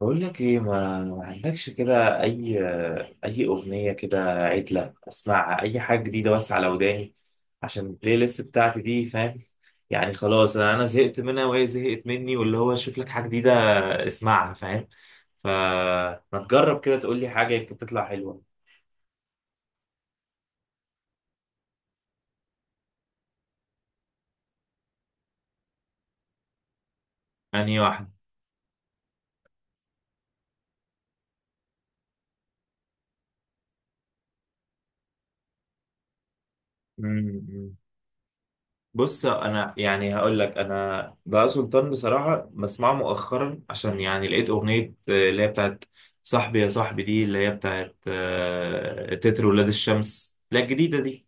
بقول لك ايه، ما عندكش كده اي اغنيه كده عدله. اسمعها اي حاجه جديده بس على وداني، عشان البلاي ليست بتاعتي دي، فاهم؟ يعني خلاص انا زهقت منها وهي زهقت مني، واللي هو اشوف لك حاجه جديده اسمعها، فاهم؟ فما تجرب كده تقول لي حاجه، يمكن تطلع حلوه. انهي واحده؟ بص، انا يعني هقول لك، انا بقى سلطان بصراحه بسمعه مؤخرا، عشان يعني لقيت اغنيه اللي هي بتاعت صاحبي يا صاحبي، دي اللي هي بتاعت تتر ولاد الشمس، لا الجديده دي.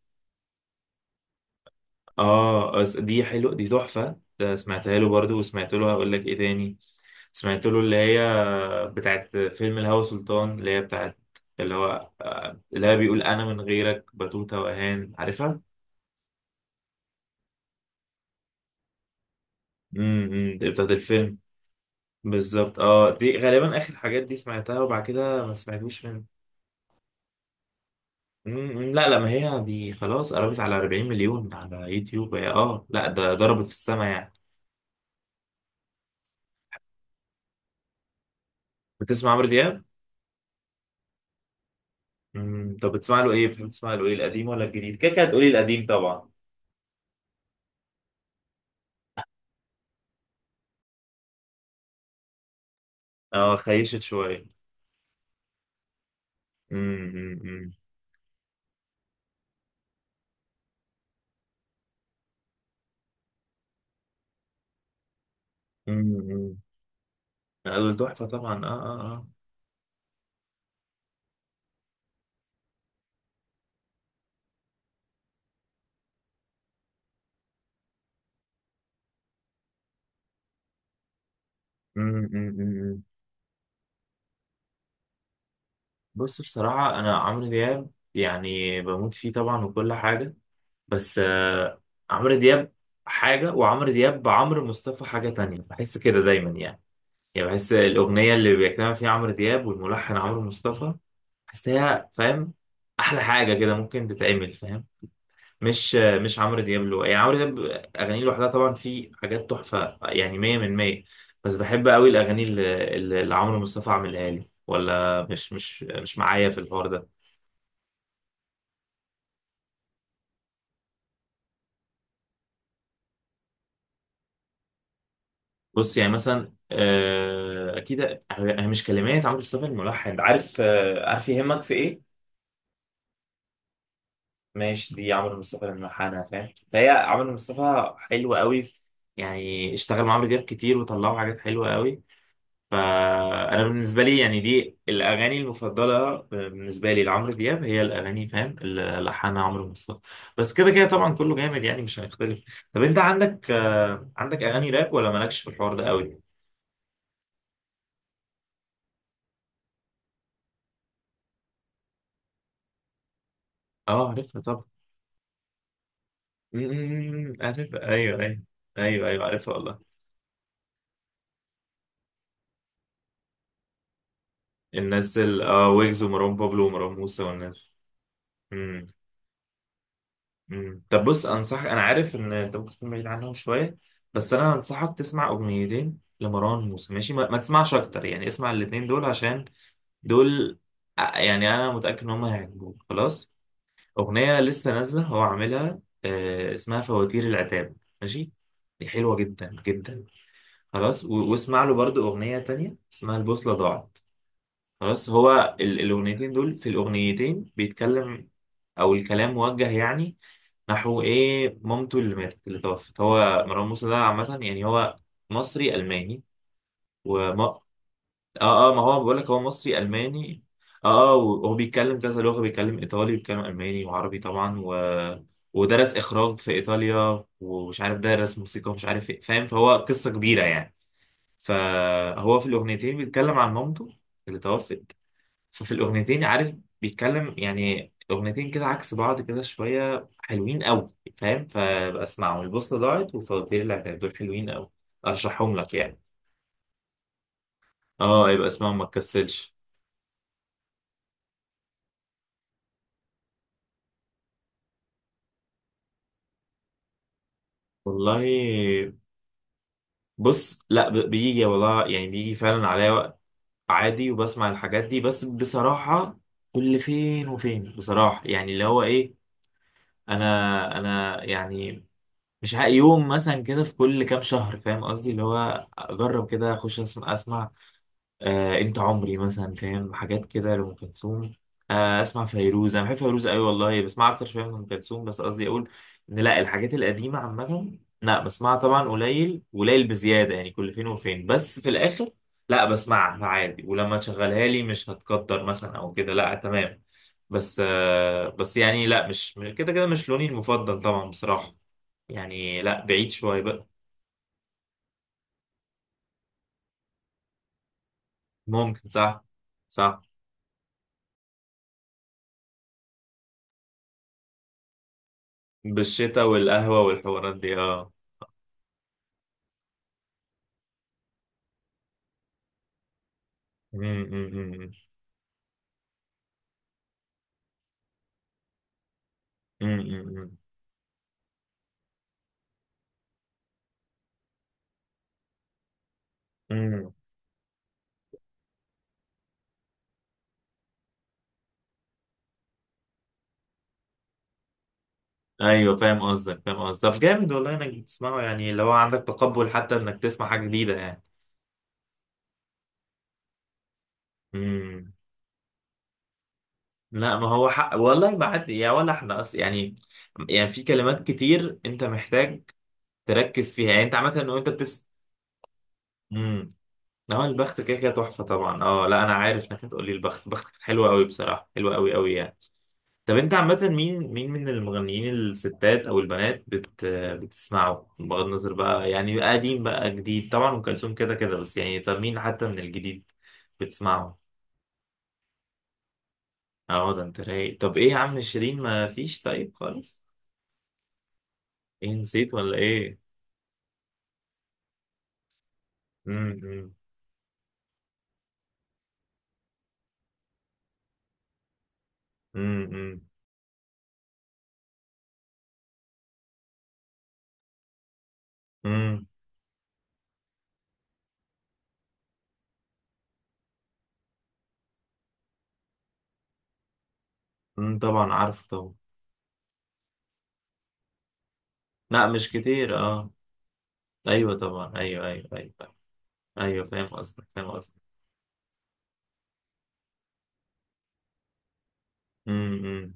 اه، دي حلوه، دي تحفه، ده سمعتها له برضو، وسمعت له هقول لك ايه تاني. سمعت له اللي هي بتاعت فيلم الهوى سلطان، اللي هي بتاعت اللي هو اللي هي بيقول انا من غيرك بتوته واهان، عارفها. بتاعت الفيلم. بالظبط، اه، دي غالبا اخر حاجات دي سمعتها، وبعد كده ما سمعتوش من. مم، لا لا، ما هي دي خلاص قربت على 40 مليون على يوتيوب، هي اه لا، ده ضربت في السما يعني. بتسمع عمرو دياب؟ مم، طب بتسمع له ايه؟ بتحب تسمع له ايه، القديم ولا الجديد؟ كده كده هتقولي القديم طبعا. اه، خيشت شوية. مم، مم، مم. مم، مم. لا، دول تحفة طبعا، اه اه اه. مم، مم، مم. بص بصراحة، انا عمرو دياب يعني بموت فيه طبعا، وكل حاجة. بس عمرو دياب حاجة، وعمرو دياب بعمرو مصطفى حاجة تانية، بحس كده دايما يعني. يعني بحس الأغنية اللي بيجتمع فيها عمرو دياب والملحن عمرو مصطفى، بحسها، فاهم؟ أحلى حاجة كده ممكن تتعمل، فاهم؟ مش مش عمرو دياب له، يعني عمرو دياب أغانيه لوحدها طبعا في حاجات تحفة يعني، مية من مية. بس بحب قوي الأغاني اللي عمرو مصطفى عاملها، لي ولا مش معايا في الحوار ده؟ بص، يعني مثلا اكيد. هي مش كلمات عمرو مصطفى الملحن، عارف عارف يهمك في ايه؟ ماشي، دي عمرو مصطفى الملحنه، فاهم؟ فهي عمرو مصطفى حلو قوي. يعني اشتغل مع عمرو دياب كتير، وطلعوا حاجات حلوه قوي. فانا بالنسبه لي يعني دي الاغاني المفضله، بالنسبه لي لعمرو دياب، هي الاغاني، فاهم؟ اللي لحنها عمرو مصطفى. بس كده كده طبعا كله جامد يعني، مش هنختلف. طب انت عندك عندك اغاني راب ولا مالكش في الحوار ده قوي؟ اه، عرفتها. أمم، عارف، ايوه ايوه. ايوه ايوه، عارفها والله. الناس اه، ويجز ومروان بابلو ومروان موسى والناس. امم. أمم. طب بص، انصحك انا عارف ان انت ممكن تكون بعيد عنهم شويه، بس انا انصحك تسمع اغنيتين لمروان موسى، ماشي، ما تسمعش اكتر يعني، اسمع الاتنين دول، عشان دول، يعني انا متاكد ان هم هيعجبوك خلاص. اغنيه لسه نازله هو عاملها، اسمها فواتير العتاب، ماشي. دي حلوه جدا جدا. خلاص، واسمع له برضو اغنيه تانية اسمها البوصله ضاعت. خلاص، هو الاغنيتين دول، في الاغنيتين بيتكلم، او الكلام موجه يعني نحو ايه، مامته اللي ماتت، اللي توفت. هو مروان موسى ده عامه يعني هو مصري الماني، وما. اه اه، ما هو بقول لك هو مصري الماني. اه اه، وهو بيتكلم كذا لغه، بيتكلم ايطالي، بيتكلم الماني وعربي طبعا و... ودرس اخراج في ايطاليا، ومش عارف درس موسيقى ومش عارف ايه، فاهم؟ فهو قصه كبيره يعني. فهو في الاغنيتين بيتكلم عن مامته اللي توفت. ففي الأغنيتين، عارف، بيتكلم يعني، أغنيتين كده عكس بعض كده، شوية حلوين أوي، فاهم؟ فبقى اسمعهم، البوصلة ضاعت وفواتير العتاب، دول حلوين أوي، أرشحهم لك يعني. اه، يبقى اسمعهم، ما تكسلش. والله، بص لا، بيجي والله، يعني بيجي فعلا عليا وقت عادي وبسمع الحاجات دي، بس بصراحة كل فين وفين، بصراحة يعني اللي هو إيه، أنا يعني مش يوم مثلا كده في كل كام شهر، فاهم قصدي؟ اللي هو أجرب كده، أخش أسمع أسمع. انت عمري مثلا، فاهم، حاجات كده لأم كلثوم. اسمع فيروز، انا بحب فيروز قوي والله، بسمع اكتر شويه من ام كلثوم، بس قصدي اقول ان لا، الحاجات القديمه عامه لا بسمعها طبعا قليل قليل بزياده يعني، كل فين وفين، بس في الاخر لا بسمعها عادي، ولما تشغلها لي مش هتقدر مثلا او كده، لا تمام. بس بس يعني لا، مش كده كده مش لوني المفضل طبعا بصراحه، يعني لا، بعيد شويه بقى. ممكن، صح. صح. بالشتاء والقهوه والحوارات دي، اه. امم. امم. امم. ايوه فاهم قصدك، فاهم قصدك. طب جامد والله انك تسمعه، يعني لو عندك تقبل حتى انك تسمع حاجه جديده يعني. امم. لا، ما هو حق والله، ما حد يعني ولا احنا اصلا يعني، يعني في كلمات كتير انت محتاج تركز فيها يعني، انت عامه وانت بتسمع. امم. هو البخت كده كده تحفه طبعا، اه لا، انا عارف انك هتقولي البخت، بختك حلوه قوي بصراحه، حلوه قوي قوي يعني. طب انت عامة، مين، مين من المغنيين الستات او البنات بتسمعه، بغض النظر بقى يعني، قديم بقى جديد؟ طبعا ام كلثوم كده كده، بس يعني طب مين حتى من الجديد بتسمعه؟ اه، ده انت رايق. طب ايه يا عم، شيرين ما فيش طيب خالص؟ ايه، نسيت ولا ايه؟ امم امم امم امم، إمم، إمم، طبعا عارف طبعا. لا مش كتير، اه. ايوه طبعا، ايوه ايوه ايوه ايوه، أيوة فاهم قصدك، فاهم قصدك. امم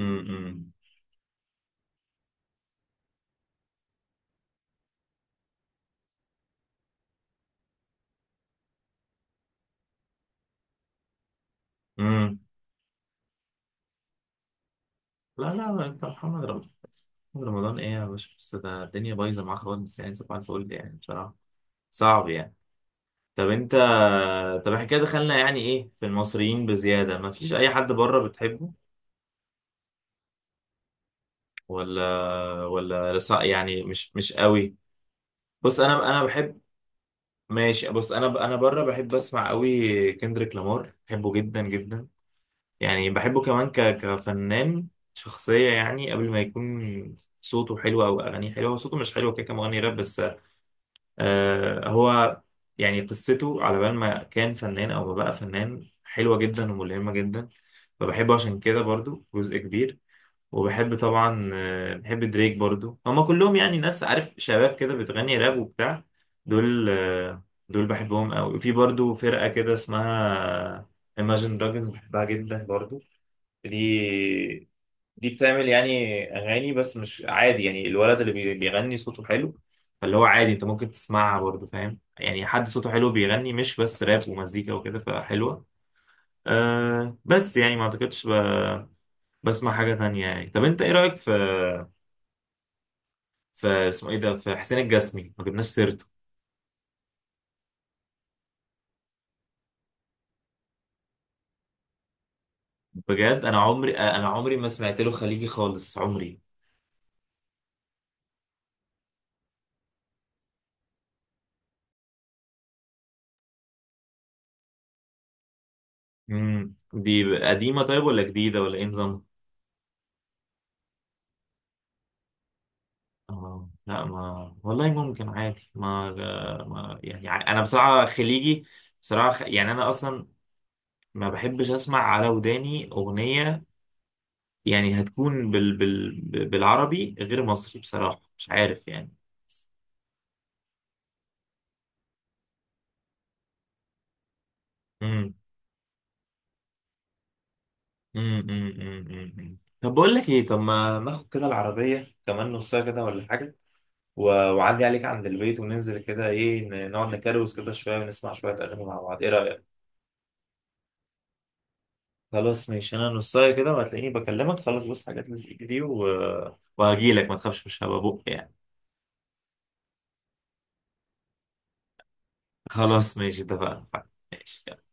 امم امم امم. لا لا لا، انت محمد رمضان ايه يا باشا؟ بس ده الدنيا بايظه معاه خالص يعني، صباح الفل يعني بصراحه، صعب يعني. طب انت، طب احنا كده دخلنا يعني ايه، في المصريين بزياده. ما فيش اي حد بره بتحبه ولا؟ ولا يعني مش قوي. بص، انا بحب. ماشي بص، انا بره بحب اسمع قوي، كندريك لامار بحبه جدا جدا، يعني بحبه كمان كفنان، شخصيه يعني، قبل ما يكون صوته حلو او اغانيه حلوه، هو صوته مش حلو كده كمغني راب بس. هو يعني قصته على بال ما كان فنان او ما بقى فنان حلوة جدا وملهمة جدا، فبحبه عشان كده برضو جزء كبير. وبحب طبعا، بحب دريك برضو، هما كلهم يعني ناس عارف شباب كده بتغني راب وبتاع، دول، دول بحبهم قوي. وفي برضو فرقة كده اسمها Imagine Dragons، بحبها جدا برضو. دي دي بتعمل يعني اغاني بس مش عادي، يعني الولد اللي بيغني صوته حلو، فاللي هو عادي انت ممكن تسمعها برضه، فاهم؟ يعني حد صوته حلو بيغني مش بس راب ومزيكا وكده، فحلوه. أه بس يعني ما اعتقدش بسمع حاجه تانية يعني. طب انت ايه رايك في اسمه ايه ده، في حسين الجسمي، ما جبناش سيرته؟ بجد، انا عمري ما سمعت له خليجي خالص، عمري. امم، دي قديمه طيب ولا جديده ولا ايه نظامها؟ اه لا، ما والله ممكن عادي، ما يعني انا بصراحه خليجي. بصراحه يعني انا اصلا ما بحبش اسمع على وداني اغنيه، يعني هتكون بالعربي غير مصري بصراحه، مش عارف يعني. امم طب بقول لك ايه، طب ما ناخد كده العربيه كمان نص ساعه كده ولا حاجه، وعدي عليك عند البيت وننزل كده ايه، نقعد نكروز كده شويه ونسمع شويه اغاني مع بعض، ايه رايك؟ خلاص ماشي، انا نصايه كده وهتلاقيني بكلمك خلاص، بس حاجات اللي في ايدي دي، وهجيلك، ما تخافش مش هبقى بق يعني. خلاص ماشي، اتفقنا. ماشي.